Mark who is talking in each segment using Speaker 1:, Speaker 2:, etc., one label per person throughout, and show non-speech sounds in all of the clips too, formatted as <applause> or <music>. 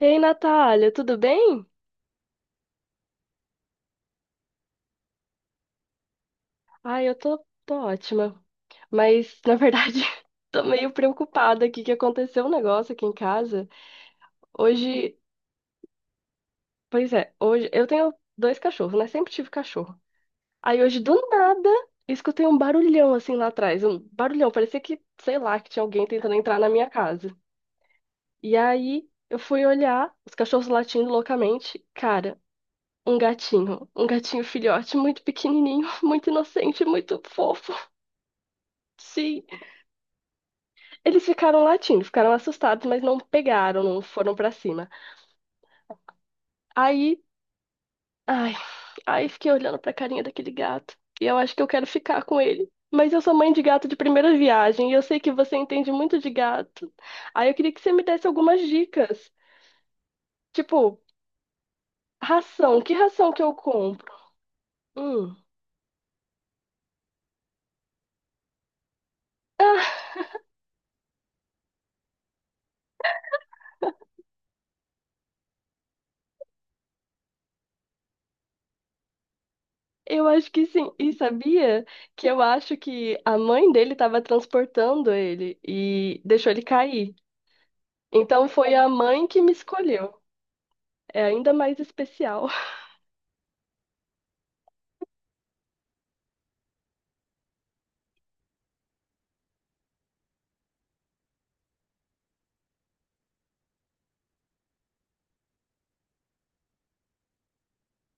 Speaker 1: Ei, Natália, tudo bem? Ai, eu tô ótima. Mas, na verdade, <laughs> tô meio preocupada aqui que aconteceu um negócio aqui em casa. Hoje, Pois é, hoje eu tenho dois cachorros, né? Sempre tive cachorro. Aí hoje, do nada, escutei um barulhão assim lá atrás. Um barulhão, parecia que, sei lá, que tinha alguém tentando entrar na minha casa. E aí eu fui olhar, os cachorros latindo loucamente. Cara, um gatinho filhote, muito pequenininho, <laughs> muito inocente, muito fofo. Sim, eles ficaram latindo, ficaram assustados, mas não pegaram, não foram pra cima. Aí, ai, aí fiquei olhando pra carinha daquele gato. E eu acho que eu quero ficar com ele. Mas eu sou mãe de gato de primeira viagem e eu sei que você entende muito de gato. Aí eu queria que você me desse algumas dicas. Tipo, que ração que eu compro? Hum. Ah, eu acho que sim. E sabia que eu acho que a mãe dele estava transportando ele e deixou ele cair. Então foi a mãe que me escolheu. É ainda mais especial. <laughs>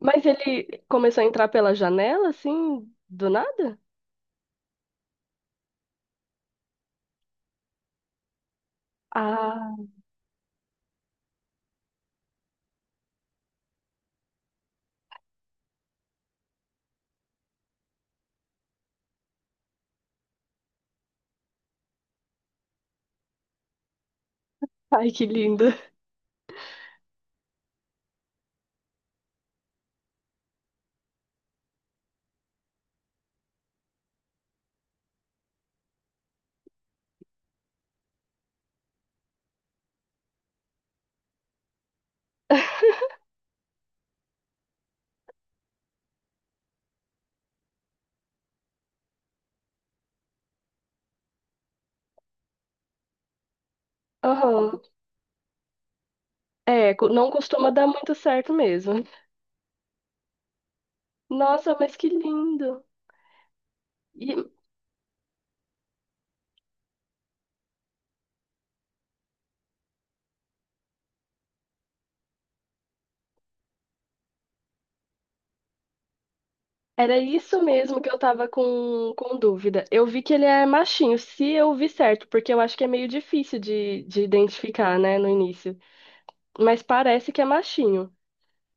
Speaker 1: Mas ele começou a entrar pela janela, assim, do nada? Ah, ai, que lindo. Aham. É, não costuma dar muito certo mesmo. Nossa, mas que lindo. E era isso mesmo que eu tava com, dúvida. Eu vi que ele é machinho, se eu vi certo, porque eu acho que é meio difícil de identificar, né, no início. Mas parece que é machinho.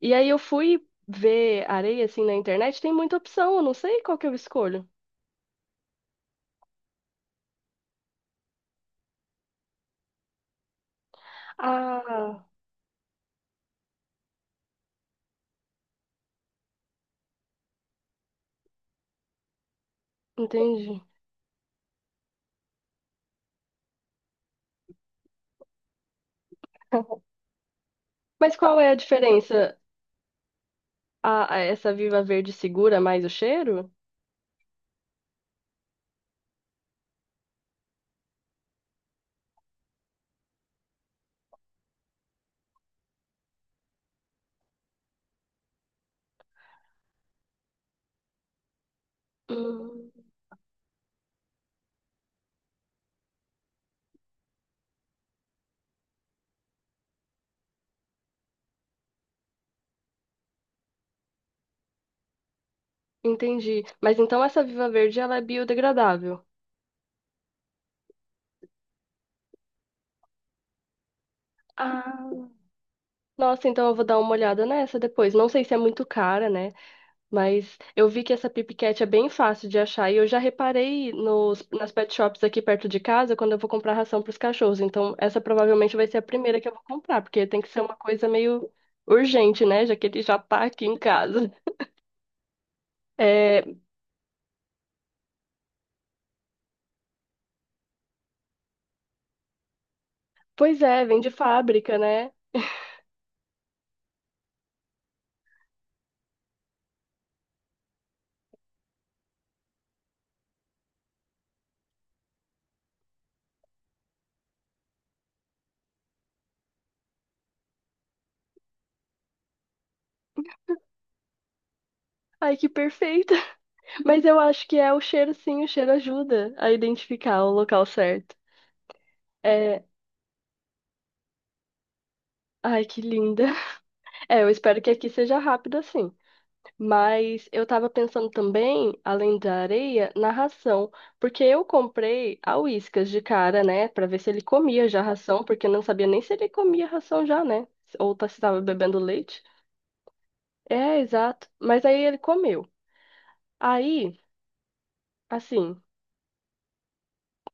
Speaker 1: E aí eu fui ver areia, assim, na internet, tem muita opção, eu não sei qual que eu escolho. Ah, entendi. <laughs> Mas qual é a diferença? A essa Viva Verde segura mais o cheiro? Hum, entendi. Mas então essa Viva Verde ela é biodegradável. Ah, nossa, então eu vou dar uma olhada nessa depois. Não sei se é muito cara, né? Mas eu vi que essa Pip Cat é bem fácil de achar e eu já reparei nas pet shops aqui perto de casa quando eu vou comprar ração para os cachorros. Então, essa provavelmente vai ser a primeira que eu vou comprar, porque tem que ser uma coisa meio urgente, né? Já que ele já tá aqui em casa. É, pois é, vem de fábrica, né? Ai, que perfeita! <laughs> Mas eu acho que é o cheiro, sim, o cheiro ajuda a identificar o local certo. É, ai, que linda! <laughs> É, eu espero que aqui seja rápido assim. Mas eu tava pensando também, além da areia, na ração. Porque eu comprei a Whiskas de cara, né? Pra ver se ele comia já a ração, porque eu não sabia nem se ele comia ração já, né? Ou se tava bebendo leite. É, exato. Mas aí ele comeu. Aí, assim,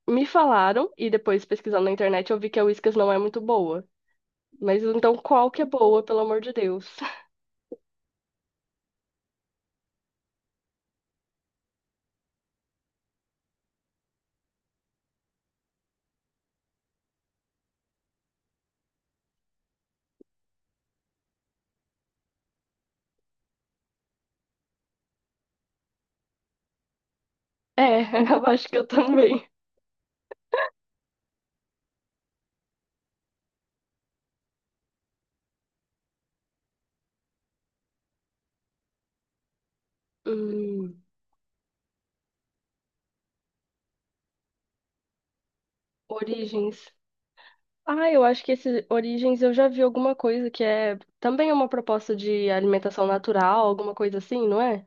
Speaker 1: me falaram, e depois pesquisando na internet eu vi que a Whiskas não é muito boa. Mas então qual que é boa, pelo amor de Deus? <laughs> É, eu acho que eu também. Hum, origens. Ah, eu acho que esse Origens eu já vi alguma coisa que é também uma proposta de alimentação natural, alguma coisa assim, não é?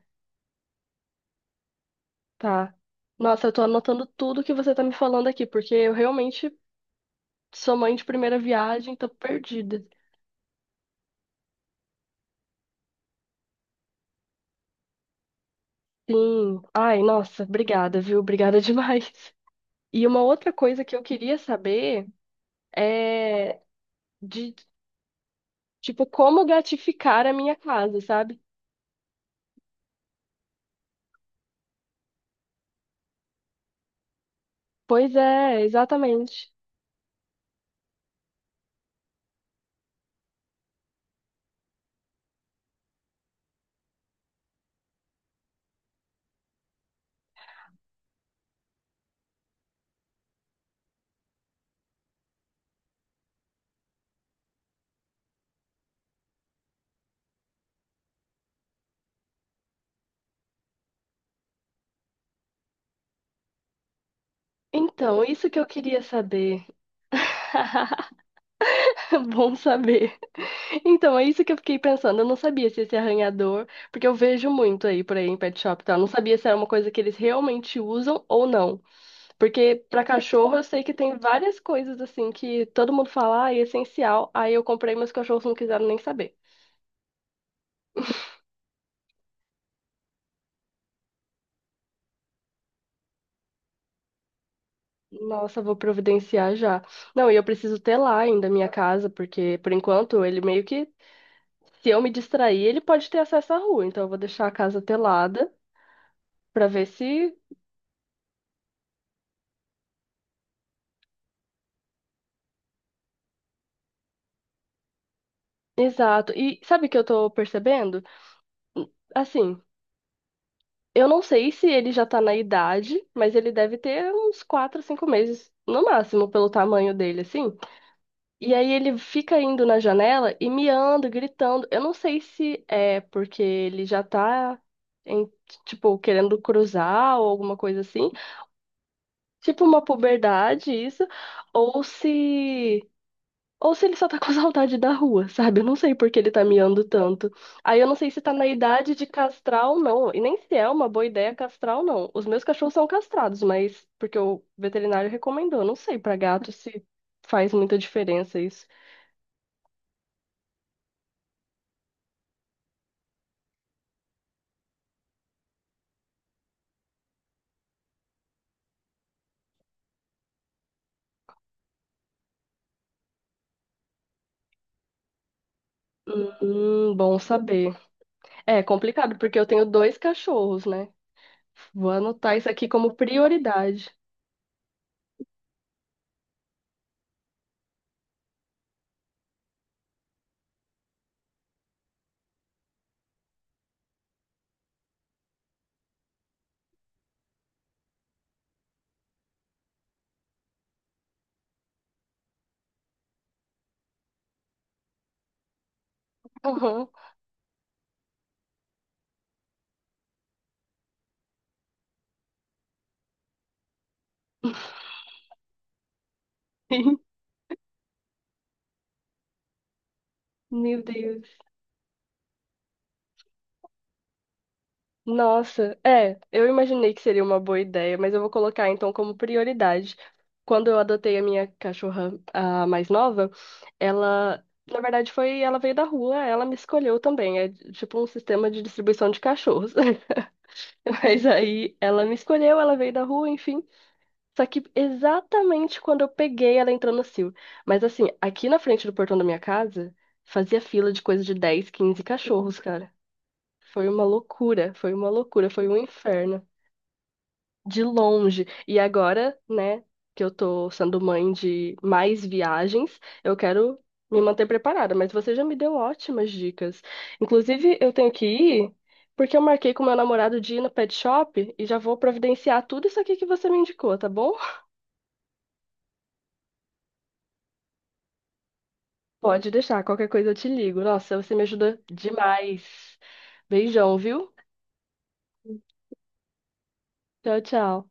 Speaker 1: Tá. Nossa, eu tô anotando tudo que você tá me falando aqui, porque eu realmente sou mãe de primeira viagem, tô perdida. Sim. Ai, nossa, obrigada, viu? Obrigada <laughs> demais. E uma outra coisa que eu queria saber é de, tipo, como gratificar a minha casa, sabe? Pois é, exatamente. Então, isso que eu queria saber. <laughs> <laughs> Bom saber. Então, é isso que eu fiquei pensando. Eu não sabia se esse arranhador, porque eu vejo muito aí por aí em pet shop, e tal. Eu não sabia se era uma coisa que eles realmente usam ou não. Porque pra cachorro eu sei que tem várias coisas assim que todo mundo fala, ah, é essencial. Aí eu comprei, mas os cachorros não quiseram nem saber. Nossa, vou providenciar já. Não, e eu preciso ter lá ainda a minha casa, porque por enquanto ele meio que, se eu me distrair, ele pode ter acesso à rua. Então eu vou deixar a casa telada pra ver se. Exato. E sabe o que eu tô percebendo? Assim, eu não sei se ele já tá na idade, mas ele deve ter uns 4 5 meses no máximo, pelo tamanho dele, assim. E aí ele fica indo na janela e miando, gritando. Eu não sei se é porque ele já tá, em, tipo, querendo cruzar ou alguma coisa assim. Tipo uma puberdade, isso. Ou se. Ou se ele só tá com <laughs> saudade da rua, sabe? Eu não sei por que ele tá miando tanto. Aí eu não sei se tá na idade de castrar ou não. E nem se é uma boa ideia castrar ou não. Os meus cachorros são castrados, mas porque o veterinário recomendou. Não sei pra gato se faz muita diferença isso. Bom saber. É complicado, porque eu tenho dois cachorros, né? Vou anotar isso aqui como prioridade. Aham. <laughs> Meu Deus. Nossa, é, eu imaginei que seria uma boa ideia, mas eu vou colocar então como prioridade. Quando eu adotei a minha cachorra, a mais nova, ela, na verdade, foi, ela veio da rua, ela me escolheu também. É tipo um sistema de distribuição de cachorros. <laughs> Mas aí ela me escolheu, ela veio da rua, enfim. Só que exatamente quando eu peguei, ela entrou no cio. Mas assim, aqui na frente do portão da minha casa, fazia fila de coisa de 10, 15 cachorros, cara. Foi uma loucura, foi uma loucura, foi um inferno de longe. E agora, né, que eu tô sendo mãe de mais viagens, eu quero me manter preparada, mas você já me deu ótimas dicas. Inclusive, eu tenho que ir porque eu marquei com meu namorado de ir no pet shop e já vou providenciar tudo isso aqui que você me indicou, tá bom? Pode deixar, qualquer coisa eu te ligo. Nossa, você me ajuda demais. Beijão, viu? Tchau, tchau.